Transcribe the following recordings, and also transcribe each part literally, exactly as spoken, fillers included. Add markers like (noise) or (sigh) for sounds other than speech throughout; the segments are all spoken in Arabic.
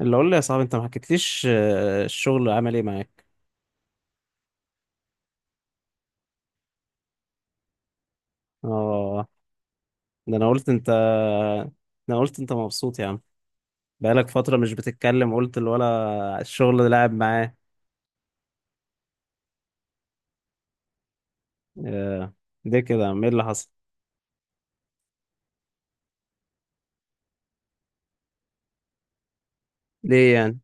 اللي اقول لي يا صاحبي، انت ما حكيتليش، آه، الشغل عمل ايه معاك؟ اه. ده انا قلت انت ده انا قلت انت مبسوط يا عم. بقالك فترة مش بتتكلم، قلت الولا الشغل لعب معاه آه، ليه كده يا عم؟ ايه اللي حصل؟ ليه يعني؟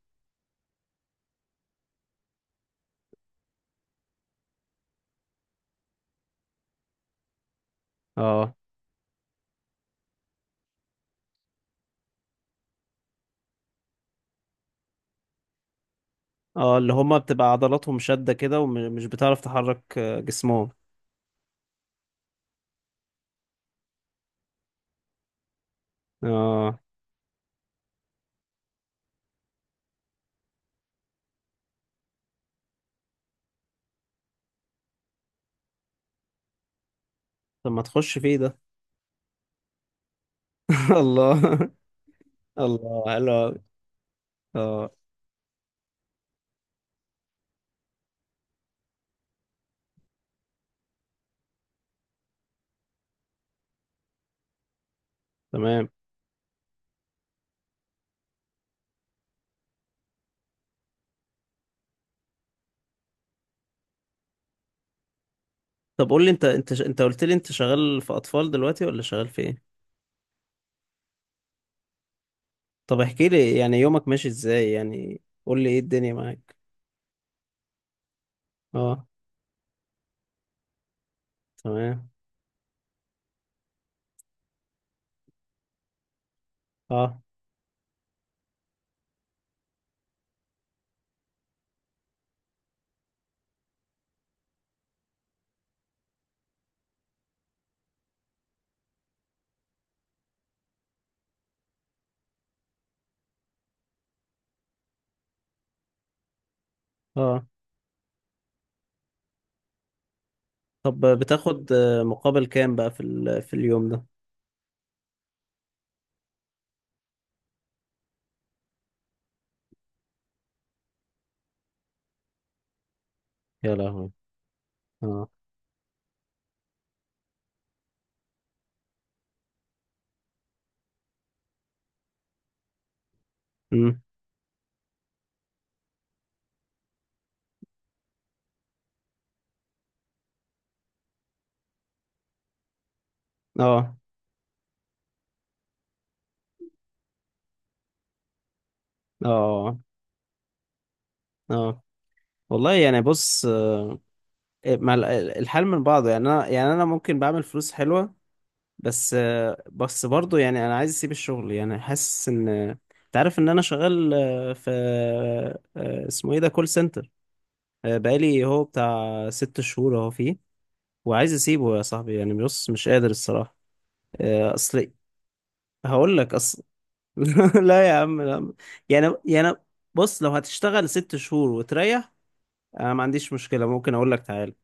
اه. اه، اللي هما بتبقى عضلاتهم شدة كده ومش بتعرف تحرك آه، جسمهم. اه. طب ما تخش فيه ده؟ (laughs) الله. الله، حلو أوي. اه. تمام. طب قول لي، انت انت انت قلت لي انت شغال في اطفال دلوقتي ولا شغال في ايه؟ طب احكي لي، يعني يومك ماشي ازاي؟ يعني قول لي ايه الدنيا معاك. اه. تمام. اه، اه. طب بتاخد آه، مقابل كام بقى في ال... في اليوم ده؟ يا لهوي. اه. امم. اه. اه. اه. والله، يعني بص، آه، مع ال- الحال من بعضه، يعني انا، يعني انا ممكن بعمل فلوس حلوة. بس آه، بس برضه، يعني انا عايز اسيب الشغل. يعني حاسس ان، انت عارف ان انا شغال آه، في، آه، اسمه ايه ده، كول سنتر. بقالي هو بتاع ست شهور اهو فيه، وعايز اسيبه يا صاحبي. يعني بص، مش قادر الصراحه. آه، اصل، هقول لك. اصل (laughs) لا يا عم، لا. يعني يعني بص، لو هتشتغل ست شهور وتريح، انا ما عنديش مشكله، ممكن اقول لك تعال.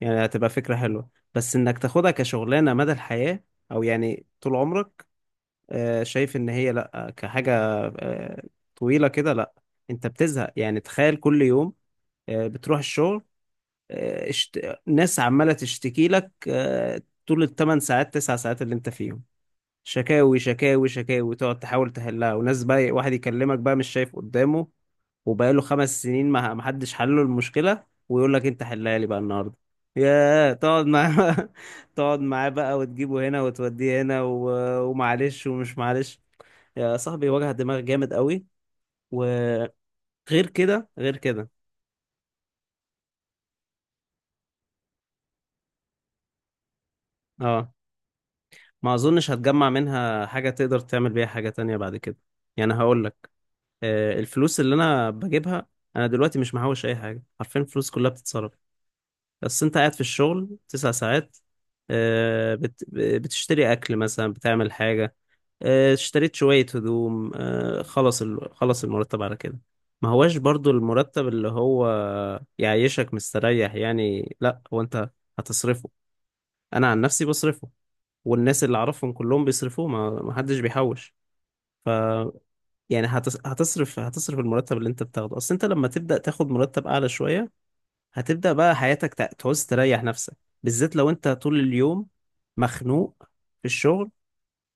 يعني هتبقى فكره حلوه، بس انك تاخدها كشغلانه مدى الحياه، او يعني طول عمرك. آه، شايف ان هي، لا، كحاجه آه، طويله كده، لا. انت بتزهق. يعني تخيل كل يوم آه، بتروح الشغل، آه، اشت... ناس عمالة تشتكي لك آه، طول الثمان ساعات تسع ساعات اللي انت فيهم، شكاوي شكاوي شكاوي، تقعد تحاول تحلها. وناس بقى، واحد يكلمك بقى مش شايف قدامه، وبقاله خمس سنين ما ما حدش حل له المشكلة، ويقول لك انت حلها لي بقى النهارده. يا تقعد معاه. (laughs) تقعد معاه بقى وتجيبه هنا وتوديه هنا و... ومعلش ومش معلش، يا صاحبي وجع دماغ جامد قوي. وغير كده غير كده. اه. ما اظنش هتجمع منها حاجة تقدر تعمل بيها حاجة تانية بعد كده. يعني هقول لك، آه، الفلوس اللي انا بجيبها، انا دلوقتي مش محوش اي حاجة. عارفين، الفلوس كلها بتتصرف. بس انت قاعد في الشغل تسع ساعات، آه، بت- بتشتري اكل مثلا، بتعمل حاجة، آه، اشتريت شوية هدوم، آه، خلص ال... خلص المرتب على كده. ما هواش برضو المرتب اللي هو يعيشك مستريح. يعني لا، هو انت هتصرفه. انا عن نفسي بصرفه، والناس اللي اعرفهم كلهم بيصرفوه، ما ما حدش بيحوش. ف يعني هتص- هتصرف هتصرف المرتب اللي انت بتاخده. اصل انت لما تبدأ تاخد مرتب اعلى شوية، هتبدأ بقى حياتك تع- تعوز تريح نفسك، بالذات لو انت طول اليوم مخنوق في الشغل.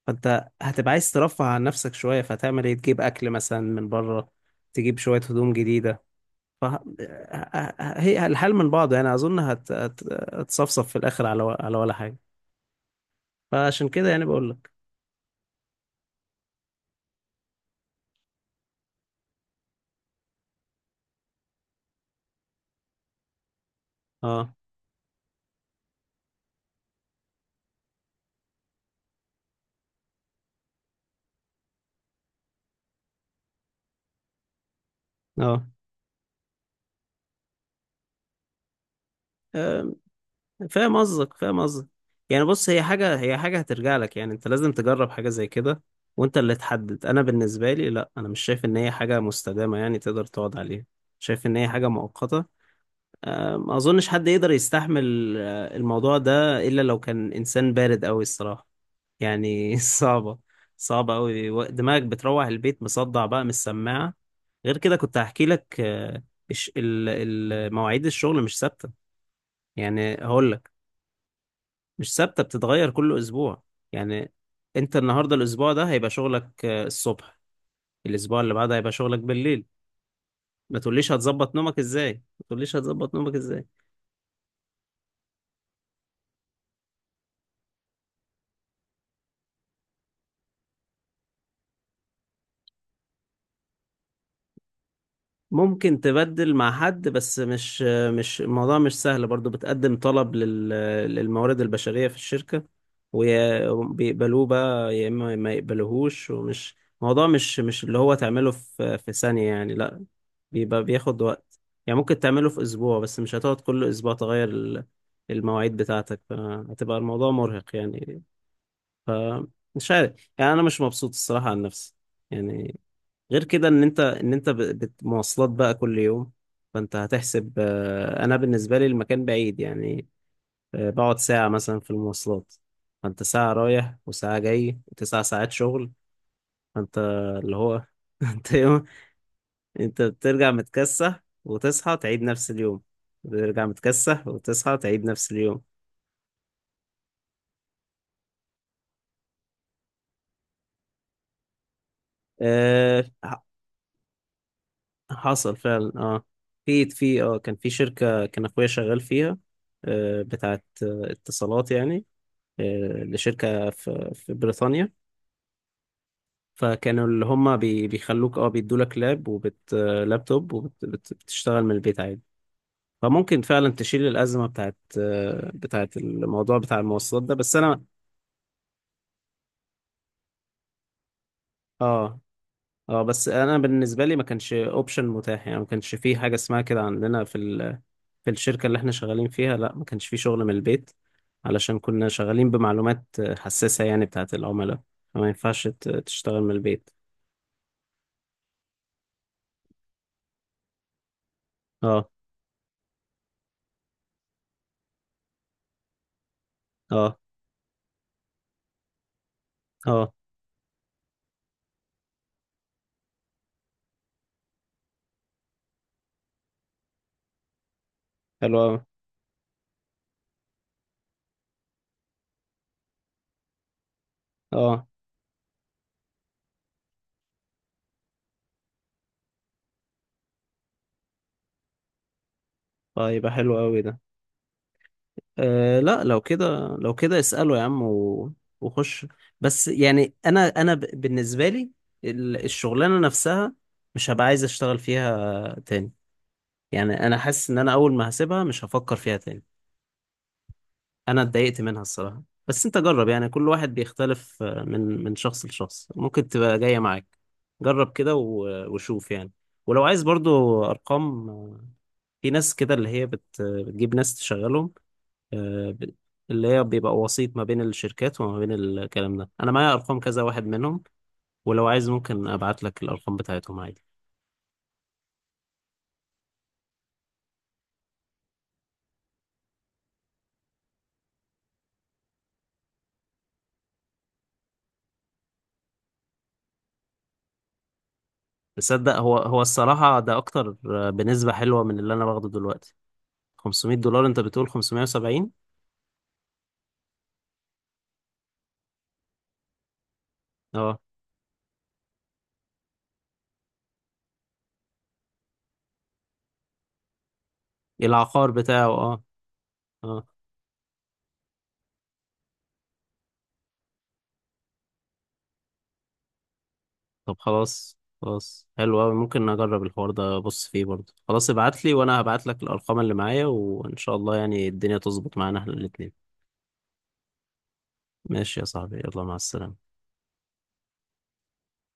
فانت هتبقى عايز ترفه عن نفسك شوية. فهتعمل ايه؟ تجيب اكل مثلا من بره، تجيب شوية هدوم جديدة. ف هي الحل من بعضه. يعني اظن هت... هت... هتصفصف في الاخر على و... على ولا حاجة. فعشان كده يعني بقول لك. اه. اه. آه، فاهم قصدك، فاهم قصدك. يعني بص، هي حاجة هي حاجة هترجع لك. يعني انت لازم تجرب حاجة زي كده، وانت اللي تحدد. انا بالنسبة لي لا، انا مش شايف ان هي حاجة مستدامة يعني تقدر تقعد عليها. شايف ان هي حاجة مؤقتة. آه، ما اظنش حد يقدر يستحمل آه، الموضوع ده الا لو كان انسان بارد قوي الصراحة. يعني (laughs) صعبة. صعبة قوي و- دماغك بتروح البيت مصدع بقى من السماعة. غير كده، كنت هحكي لك، آه، الش- ال- ال- مواعيد الشغل مش ثابتة. يعني هقول لك، مش ثابتة، بتتغير كل أسبوع. يعني أنت النهاردة الأسبوع ده هيبقى شغلك آه، الصبح، الأسبوع اللي بعده هيبقى شغلك بالليل. ما تقوليش هتظبط نومك إزاي؟ ما تقوليش هتظبط نومك إزاي؟ ممكن تبدل مع حد، بس مش مش الموضوع مش سهل برضو. بتقدم طلب لل- للموارد البشرية في الشركة، وبيقبلوه بقى يا إما ما يقبلوهوش. ومش الموضوع مش مش اللي هو تعمله في في ثانية يعني، لا. بيبقى بياخد وقت. يعني ممكن تعمله في أسبوع، بس مش هتقعد كل أسبوع تغير ال- المواعيد بتاعتك، فهتبقى الموضوع مرهق يعني. فمش عارف، يعني أنا مش مبسوط الصراحة عن نفسي يعني. غير كده، ان انت ان انت ب- بت- مواصلات بقى كل يوم. فانت هتحسب، آه، انا بالنسبه لي المكان بعيد يعني. آه، بقعد ساعه مثلا في المواصلات. فانت ساعه رايح وساعه جاي وتسع ساعات شغل. فانت اللي هو (laughs) انت يوم انت بترجع متكسح وتصحى تعيد نفس اليوم. بترجع متكسح وتصحى تعيد نفس اليوم. أه ح- حصل فعلا. اه، في في اه كان في شركه، كان اخويا شغال فيها، آه، بتاعت آه، اتصالات يعني، آه، لشركة في في بريطانيا. فكانوا اللي هم بي- بيخلوك، اه بيدولك لاب وبت آه، لابتوب وبتشتغل من البيت عادي. فممكن فعلا تشيل الأزمة بتاعت، آه، بتاعت الموضوع بتاع المواصلات ده. بس أنا. اه. اه. بس أنا بالنسبة لي ما كانش اوبشن متاح. يعني ما كانش في حاجة اسمها كده عندنا في ال... في الشركة اللي احنا شغالين فيها. لا، ما كانش في شغل من البيت علشان كنا شغالين بمعلومات آه، حساسة يعني، بتاعت العملاء. فما ينفعش ت- تشتغل من البيت. اه. اه. اه، حلو أوي. اه طيب، حلو أوي ده. آه لا، لو كده، لو كده اسأله يا عم، و... وخش. بس يعني أنا أنا ب... بالنسبة لي ال- الشغلانة نفسها مش هبقى عايز أشتغل فيها تاني. يعني أنا حاسس إن أنا أول ما هسيبها مش هفكر فيها تاني. أنا اتضايقت منها الصراحة. بس أنت جرب. يعني كل واحد بيختلف، آه، من من شخص لشخص. ممكن تبقى جاية معاك. جرب كده و... وشوف يعني. ولو عايز برضو أرقام، آه، في ناس كده اللي هي بت... بتجيب ناس تشغلهم، آه، ب- اللي هي بيبقى وسيط ما بين الشركات وما بين الكلام ده. انا معايا ارقام كذا واحد منهم، ولو عايز ممكن ابعت لك الارقام بتاعتهم عادي. تصدق، هو هو الصراحة ده اكتر، آه، بنسبة حلوة من اللي انا باخده دلوقتي. خمسمائة دولار؟ انت بتقول خمسمائة وسبعين. اه. العقار بتاعه. اه. اه. طب خلاص خلاص، حلو قوي. ممكن اجرب الحوار ده، ابص فيه برضه. خلاص، ابعت لي، وانا هبعت لك الارقام اللي معايا، وان شاء الله يعني الدنيا تظبط معانا احنا الاتنين. ماشي يا صاحبي، يلا مع السلامة.